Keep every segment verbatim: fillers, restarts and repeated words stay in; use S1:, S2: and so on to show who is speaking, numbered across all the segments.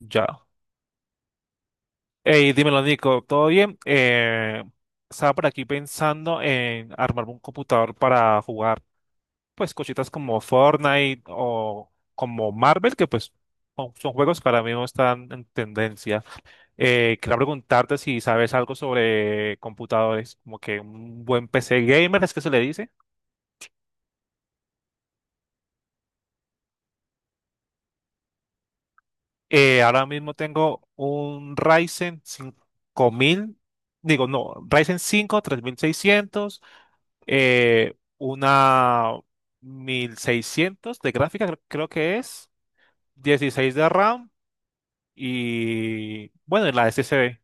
S1: Ya. Hey, dímelo, Nico, ¿todo bien? Eh, estaba por aquí pensando en armarme un computador para jugar, pues, cositas como Fortnite o como Marvel, que pues son, son juegos que ahora mismo están en tendencia. Eh, quería preguntarte si sabes algo sobre computadores, como que un buen P C gamer, ¿es que se le dice? Eh, ahora mismo tengo un Ryzen cinco mil, digo, no, Ryzen cinco tres mil seiscientos, eh, una mil seiscientos de gráfica, cre- creo que es, dieciséis de RAM y, bueno, y la S S D.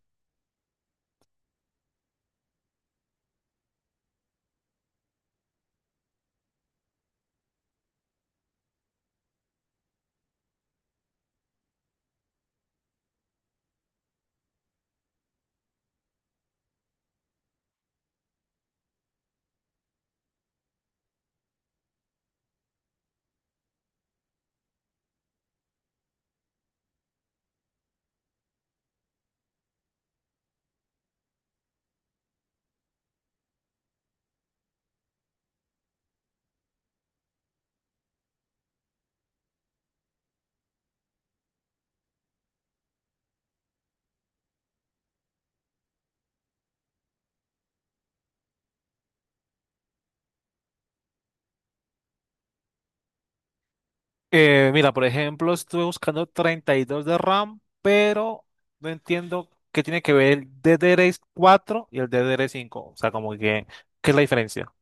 S1: Eh, mira, por ejemplo, estuve buscando treinta y dos de RAM, pero no entiendo qué tiene que ver el D D DDR4 y el D D DDR5. O sea, como que, ¿qué es la diferencia?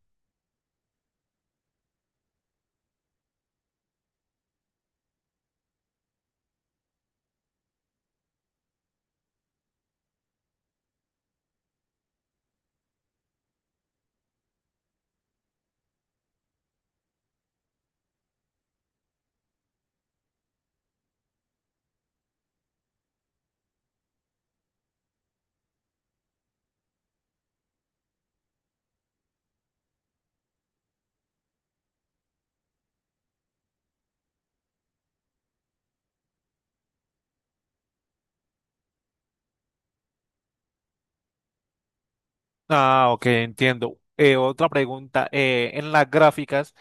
S1: Ah, ok, entiendo. Eh, otra pregunta. Eh, en las gráficas,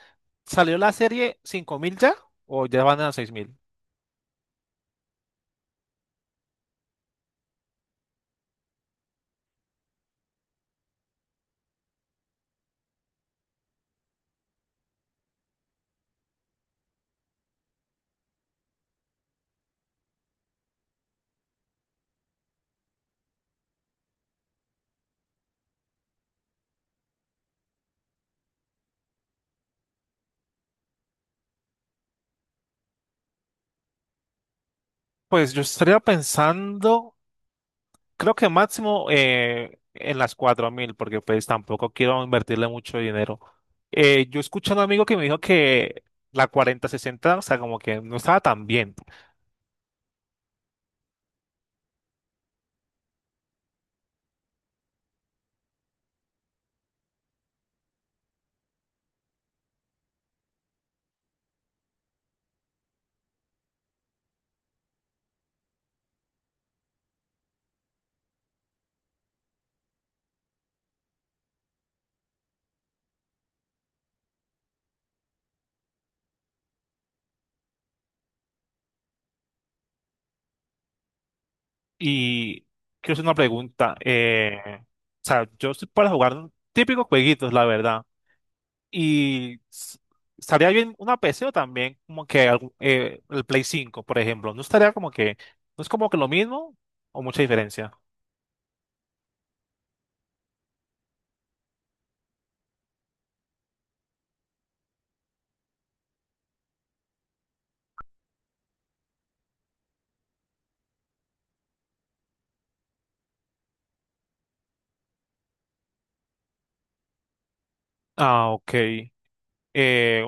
S1: ¿salió la serie cinco mil ya o ya van a seis mil? Pues yo estaría pensando. Creo que máximo eh, en las cuatro mil, porque pues tampoco quiero invertirle mucho dinero. Eh, yo escuché a un amigo que me dijo que la cuarenta sesenta, o sea, como que no estaba tan bien. Y quiero hacer una pregunta. Eh, o sea, yo estoy para jugar típicos jueguitos, la verdad. Y s- estaría bien una P C o también como que algún- eh, el Play cinco por ejemplo. No estaría como que, no es como que lo mismo o mucha diferencia. Ah, ok. Eh,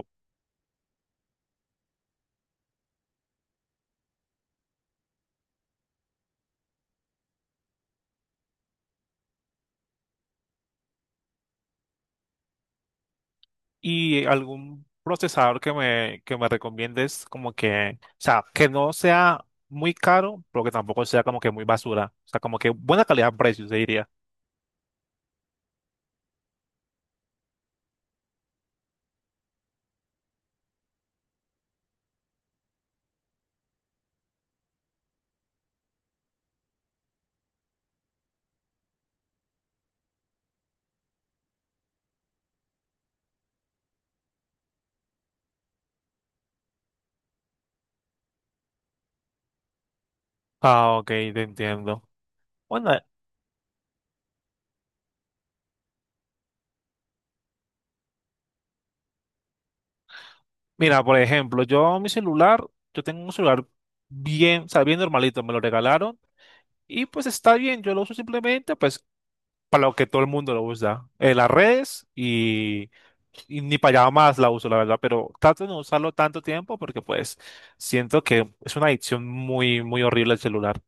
S1: ¿Y algún procesador que me, que me recomiendes como que, o sea, que no sea muy caro, pero que tampoco sea como que muy basura? O sea, como que buena calidad-precio, se diría. Ah, ok, te entiendo. Bueno, mira, por ejemplo, yo mi celular, yo tengo un celular bien, o sea, bien normalito, me lo regalaron. Y pues está bien, yo lo uso simplemente pues para lo que todo el mundo lo usa, en las redes y, y ni para allá más la uso, la verdad, pero trato de no usarlo tanto tiempo porque pues siento que es una adicción muy, muy horrible el celular.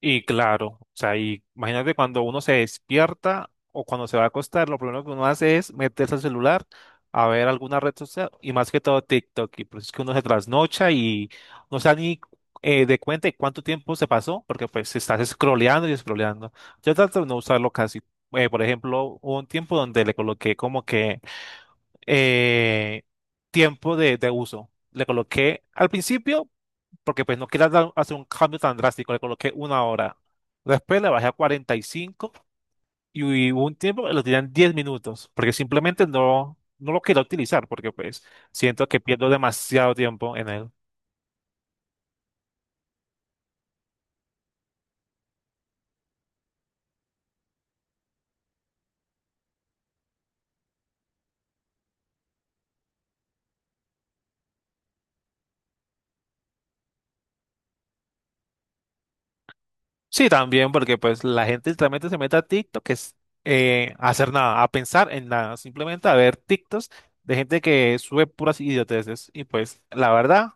S1: Y claro, o sea, y imagínate cuando uno se despierta o cuando se va a acostar, lo primero que uno hace es meterse al celular a ver alguna red social y más que todo TikTok. Y pues es que uno se trasnocha y no se da ni eh, de cuenta de cuánto tiempo se pasó, porque pues estás scrolleando y scrolleando. Yo trato de no usarlo casi. Eh, por ejemplo, hubo un tiempo donde le coloqué como que eh, tiempo de, de uso. Le coloqué al principio porque pues no quería dar- hacer un cambio tan drástico, le coloqué una hora. Después le bajé a cuarenta y cinco y hubo un tiempo que lo tenían diez minutos, porque simplemente no, no lo quería utilizar, porque pues siento que pierdo demasiado tiempo en él. Sí, también porque pues la gente literalmente se mete a TikTok, que es eh, a hacer nada, a pensar en nada, simplemente a ver TikToks de gente que sube puras idioteces. Y pues la verdad,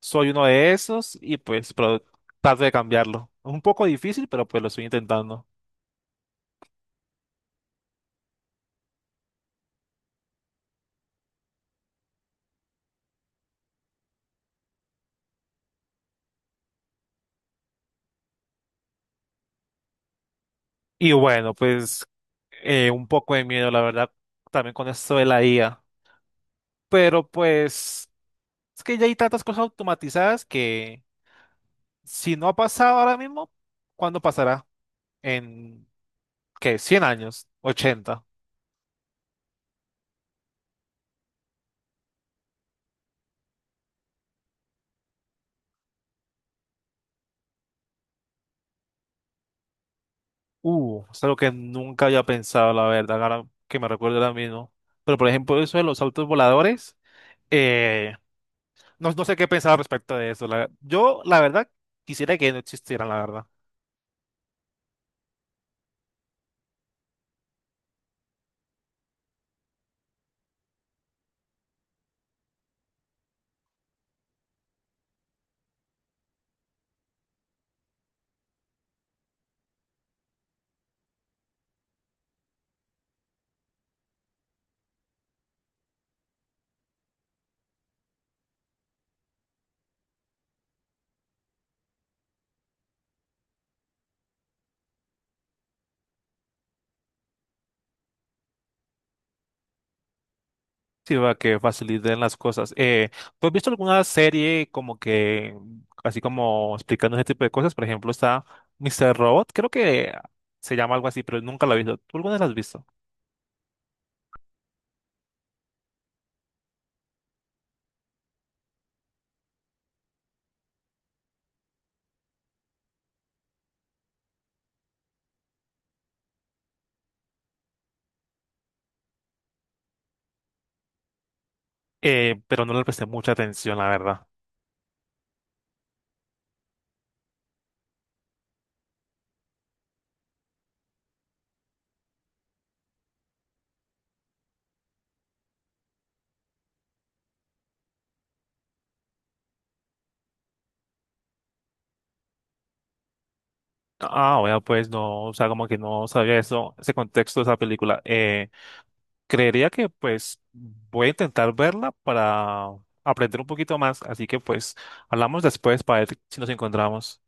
S1: soy uno de esos y pues pero trato de cambiarlo. Es un poco difícil, pero pues lo estoy intentando. Y bueno, pues eh, un poco de miedo, la verdad, también con esto de la I A. Pero pues es que ya hay tantas cosas automatizadas que si no ha pasado ahora mismo, ¿cuándo pasará? ¿En qué? ¿Cien años? ¿Ochenta? Uh, es algo que nunca había pensado, la verdad, ahora que me recuerdo ahora mismo. Pero por ejemplo, eso de los autos voladores, eh, no, no, sé qué pensar al respecto de eso. La- yo, la verdad, quisiera que no existieran, la verdad. Sí, va que faciliten las cosas. Eh, ¿tú has visto alguna serie como que, así como explicando ese tipo de cosas? Por ejemplo, está Mister Robot, creo que se llama algo así, pero nunca la he visto. ¿Tú alguna vez la has visto? Eh, pero no le presté mucha atención, la verdad. Ah, bueno, pues no, o sea, como que no sabía eso, ese contexto de esa película. Eh, creería que pues voy a intentar verla para aprender un poquito más, así que pues hablamos después para ver si nos encontramos.